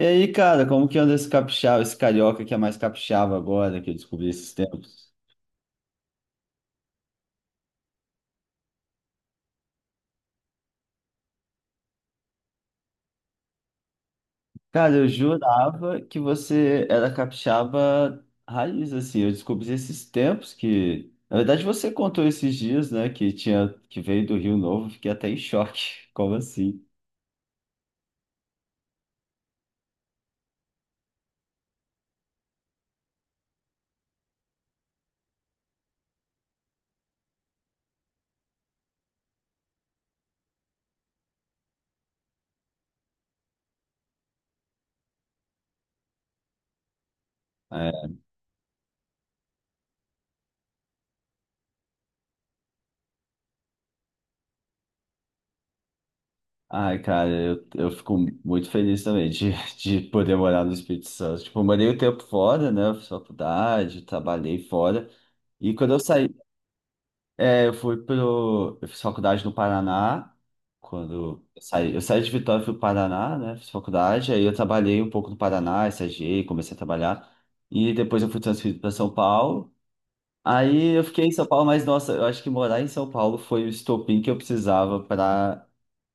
E aí, cara, como que anda esse capixaba, esse carioca que é mais capixaba agora, que eu descobri esses tempos? Cara, eu jurava que você era capixaba raiz, assim, eu descobri esses tempos que... Na verdade, você contou esses dias, né, que veio do Rio Novo, fiquei até em choque, como assim? É. Ai, cara, eu fico muito feliz também de, de poder morar no Espírito Santo. Tipo, eu morei o tempo fora, né, fiz faculdade, trabalhei fora, e quando eu saí É, eu fui pro. Eu fiz faculdade no Paraná, quando eu saí. Eu saí de Vitória, fui pro Paraná, né? Fiz faculdade, aí eu trabalhei um pouco no Paraná, estagiei, comecei a trabalhar. E depois eu fui transferido para São Paulo. Aí eu fiquei em São Paulo, mas nossa, eu acho que morar em São Paulo foi o estopim que eu precisava para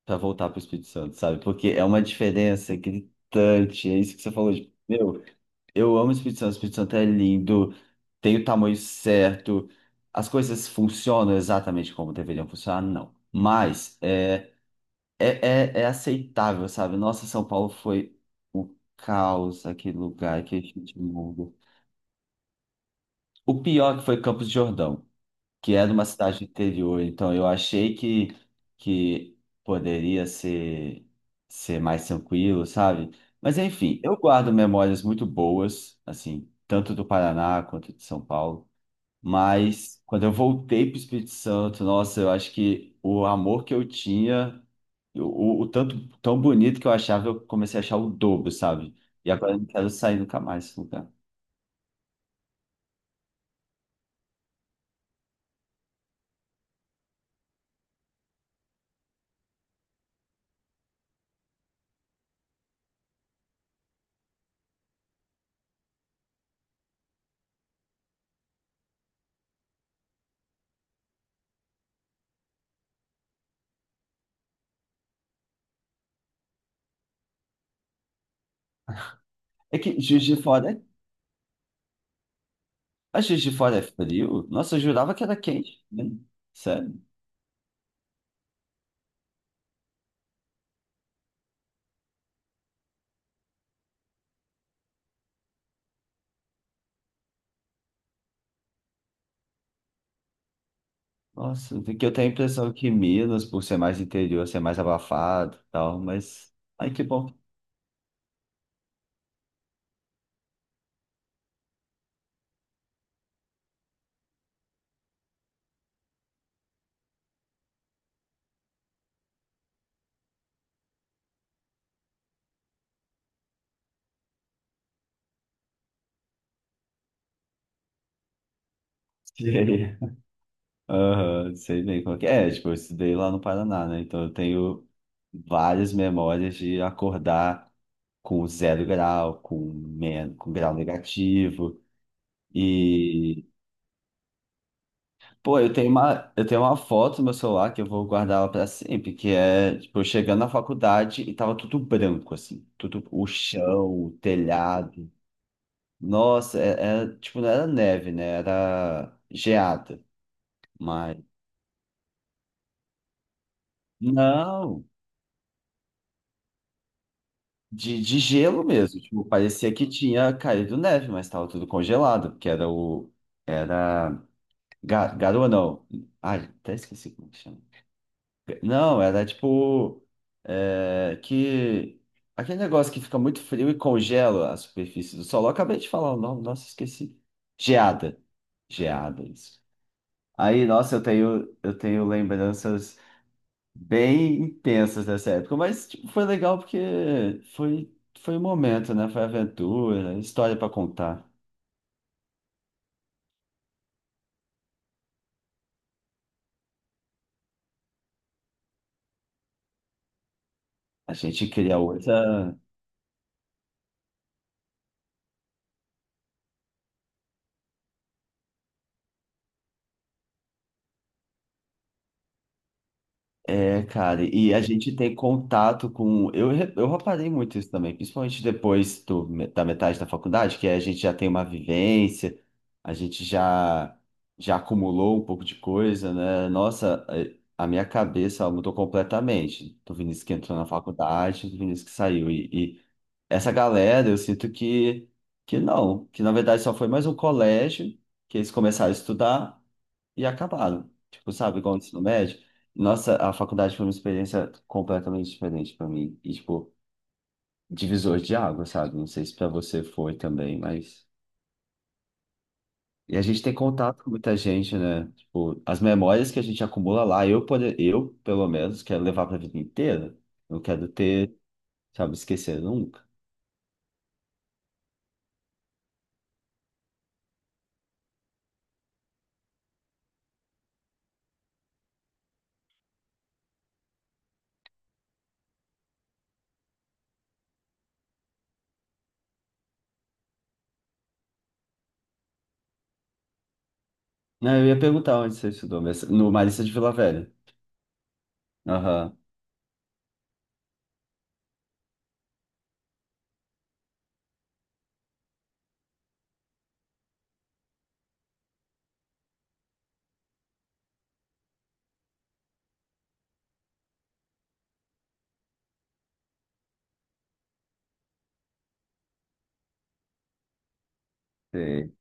para voltar para o Espírito Santo, sabe? Porque é uma diferença gritante, é isso que você falou, de, meu, eu amo o Espírito Santo é lindo, tem o tamanho certo, as coisas funcionam exatamente como deveriam funcionar, não. Mas é aceitável, sabe? Nossa, São Paulo foi o caos, aquele lugar, aquele gente mundo. O pior é que foi Campos do Jordão que é de uma cidade do interior, então eu achei que poderia ser mais tranquilo, sabe? Mas enfim, eu guardo memórias muito boas, assim, tanto do Paraná quanto de São Paulo, mas quando eu voltei para o Espírito Santo, nossa, eu acho que o amor que eu tinha, o tanto tão bonito que eu achava, eu comecei a achar o dobro, sabe? E agora eu não quero sair nunca mais desse lugar. É que Juiz de Fora é A Juiz de Fora é frio? Nossa, eu jurava que era quente, né? Sério? Nossa, porque eu tenho a impressão que Minas, por ser mais interior, ser mais abafado e tal, mas... Ai, que bom. Sei. Aham, sei bem como que é. É, tipo, eu estudei lá no Paraná, né? Então eu tenho várias memórias de acordar com zero grau, com grau negativo. e Pô, eu tenho uma foto no meu celular que eu vou guardar ela pra sempre, que é, tipo, eu chegando na faculdade e tava tudo branco, assim, tudo, o chão, o telhado. Nossa, era, tipo, não era neve, né? Era geada, mas... Não, de gelo mesmo, tipo, parecia que tinha caído neve, mas tava tudo congelado, porque era o... Era... garoa, não. Ai, até esqueci como que chama. Não, era tipo. É, que. Aquele negócio que fica muito frio e congela a superfície do solo. Eu acabei de falar o nome, nossa, esqueci. Geada. Geada, isso. Aí, nossa, eu tenho lembranças bem intensas dessa época, mas tipo, foi legal porque foi um momento, né? Foi aventura, história para contar. A gente cria outra. É, cara, e a gente tem contato com. Eu, eu reparei muito isso também, principalmente depois do, da metade da faculdade, que a gente já tem uma vivência, a gente já, já acumulou um pouco de coisa, né? Nossa, a minha cabeça ela mudou completamente. Do Vinícius que entrou na faculdade, do Vinícius que saiu. E essa galera, eu sinto que não, que na verdade só foi mais um colégio que eles começaram a estudar e acabaram. Tipo, sabe, igual o ensino médio. Nossa, a faculdade foi uma experiência completamente diferente para mim. E, tipo, divisor de água, sabe? Não sei se para você foi também, mas. E a gente tem contato com muita gente, né? Tipo, as memórias que a gente acumula lá, eu pelo menos, quero levar para a vida inteira. Não quero ter, sabe, esquecer nunca. Não, eu ia perguntar onde você estudou, mas no Marista de Vila Velha. Aham. Sei.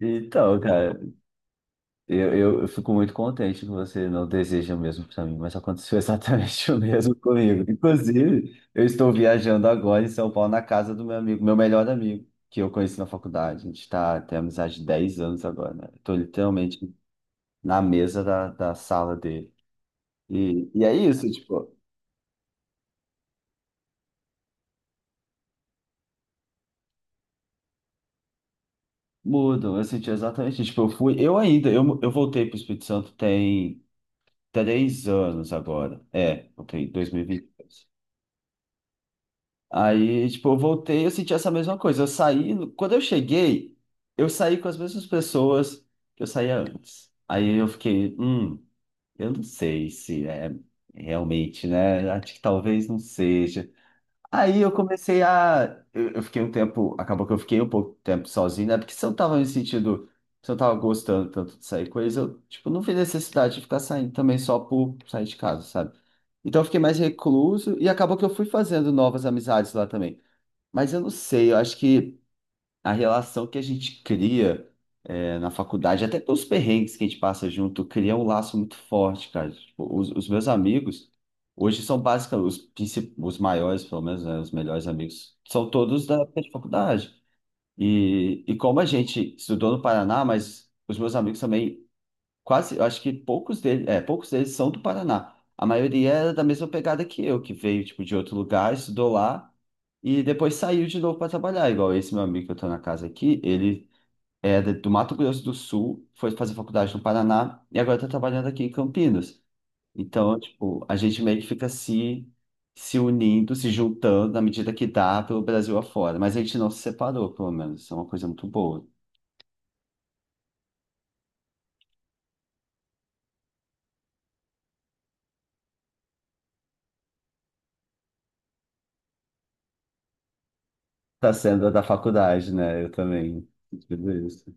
Então, cara. Eu fico muito contente que você não deseja o mesmo para mim, mas aconteceu exatamente o mesmo comigo. Inclusive, eu estou viajando agora em São Paulo na casa do meu amigo, meu melhor amigo, que eu conheci na faculdade. A gente está tem amizade de 10 anos agora, né? Estou literalmente na mesa da sala dele. E é isso, tipo, mudam. Eu senti exatamente, tipo, eu fui, eu ainda, eu voltei para o Espírito Santo tem 3 anos agora. É, ok, 2020. Aí, tipo, eu voltei, e eu senti essa mesma coisa. Eu saí, quando eu cheguei, eu saí com as mesmas pessoas que eu saía antes. Aí eu fiquei, eu não sei se é realmente, né? Acho que talvez não seja. Aí eu comecei a. Eu fiquei um tempo, acabou que eu fiquei um pouco tempo sozinho, né? Porque se eu tava me sentindo, se eu tava gostando tanto de sair com eles, eu, tipo, não vi necessidade de ficar saindo também só por sair de casa, sabe? Então eu fiquei mais recluso e acabou que eu fui fazendo novas amizades lá também. Mas eu não sei, eu acho que a relação que a gente cria na faculdade, até pelos perrengues que a gente passa junto, cria um laço muito forte, cara. Tipo, os meus amigos, hoje são basicamente os, os maiores, pelo menos, né, os melhores amigos, são todos da faculdade. E como a gente estudou no Paraná, mas os meus amigos também Quase, eu acho que poucos deles, é, poucos deles são do Paraná. A maioria era da mesma pegada que eu, que veio, tipo, de outro lugar, estudou lá e depois saiu de novo para trabalhar. Igual esse meu amigo que eu tô na casa aqui, ele do Mato Grosso do Sul, foi fazer faculdade no Paraná e agora tá trabalhando aqui em Campinas. Então, tipo, a gente meio que fica se, se unindo, se juntando na medida que dá pelo Brasil afora. Mas a gente não se separou, pelo menos. Isso é uma coisa muito boa. Tá sendo a da faculdade, né? Eu também. Tudo isso.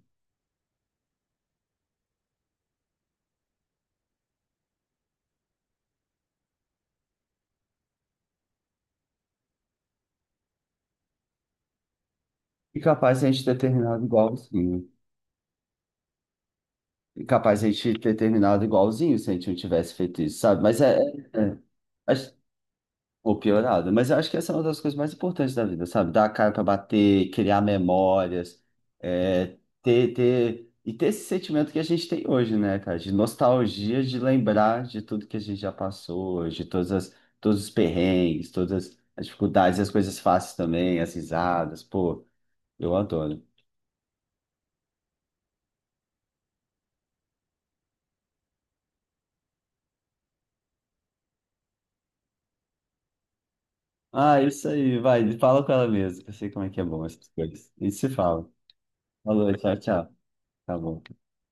E capaz de a gente ter terminado igualzinho. E capaz de a gente ter terminado igualzinho se a gente não tivesse feito isso, sabe? Mas é, acho- ou piorado. Mas eu acho que essa é uma das coisas mais importantes da vida, sabe? Dar a cara pra bater, criar memórias, ter, e ter esse sentimento que a gente tem hoje, né, cara? De nostalgia, de lembrar de tudo que a gente já passou, todos os perrengues, todas as dificuldades, as coisas fáceis também, as risadas. Pô, eu adoro. Ah, isso aí, vai, fala com ela mesmo, que eu sei como é que é bom essas coisas. A gente se fala. Falou, tchau, tchau. Tá bom.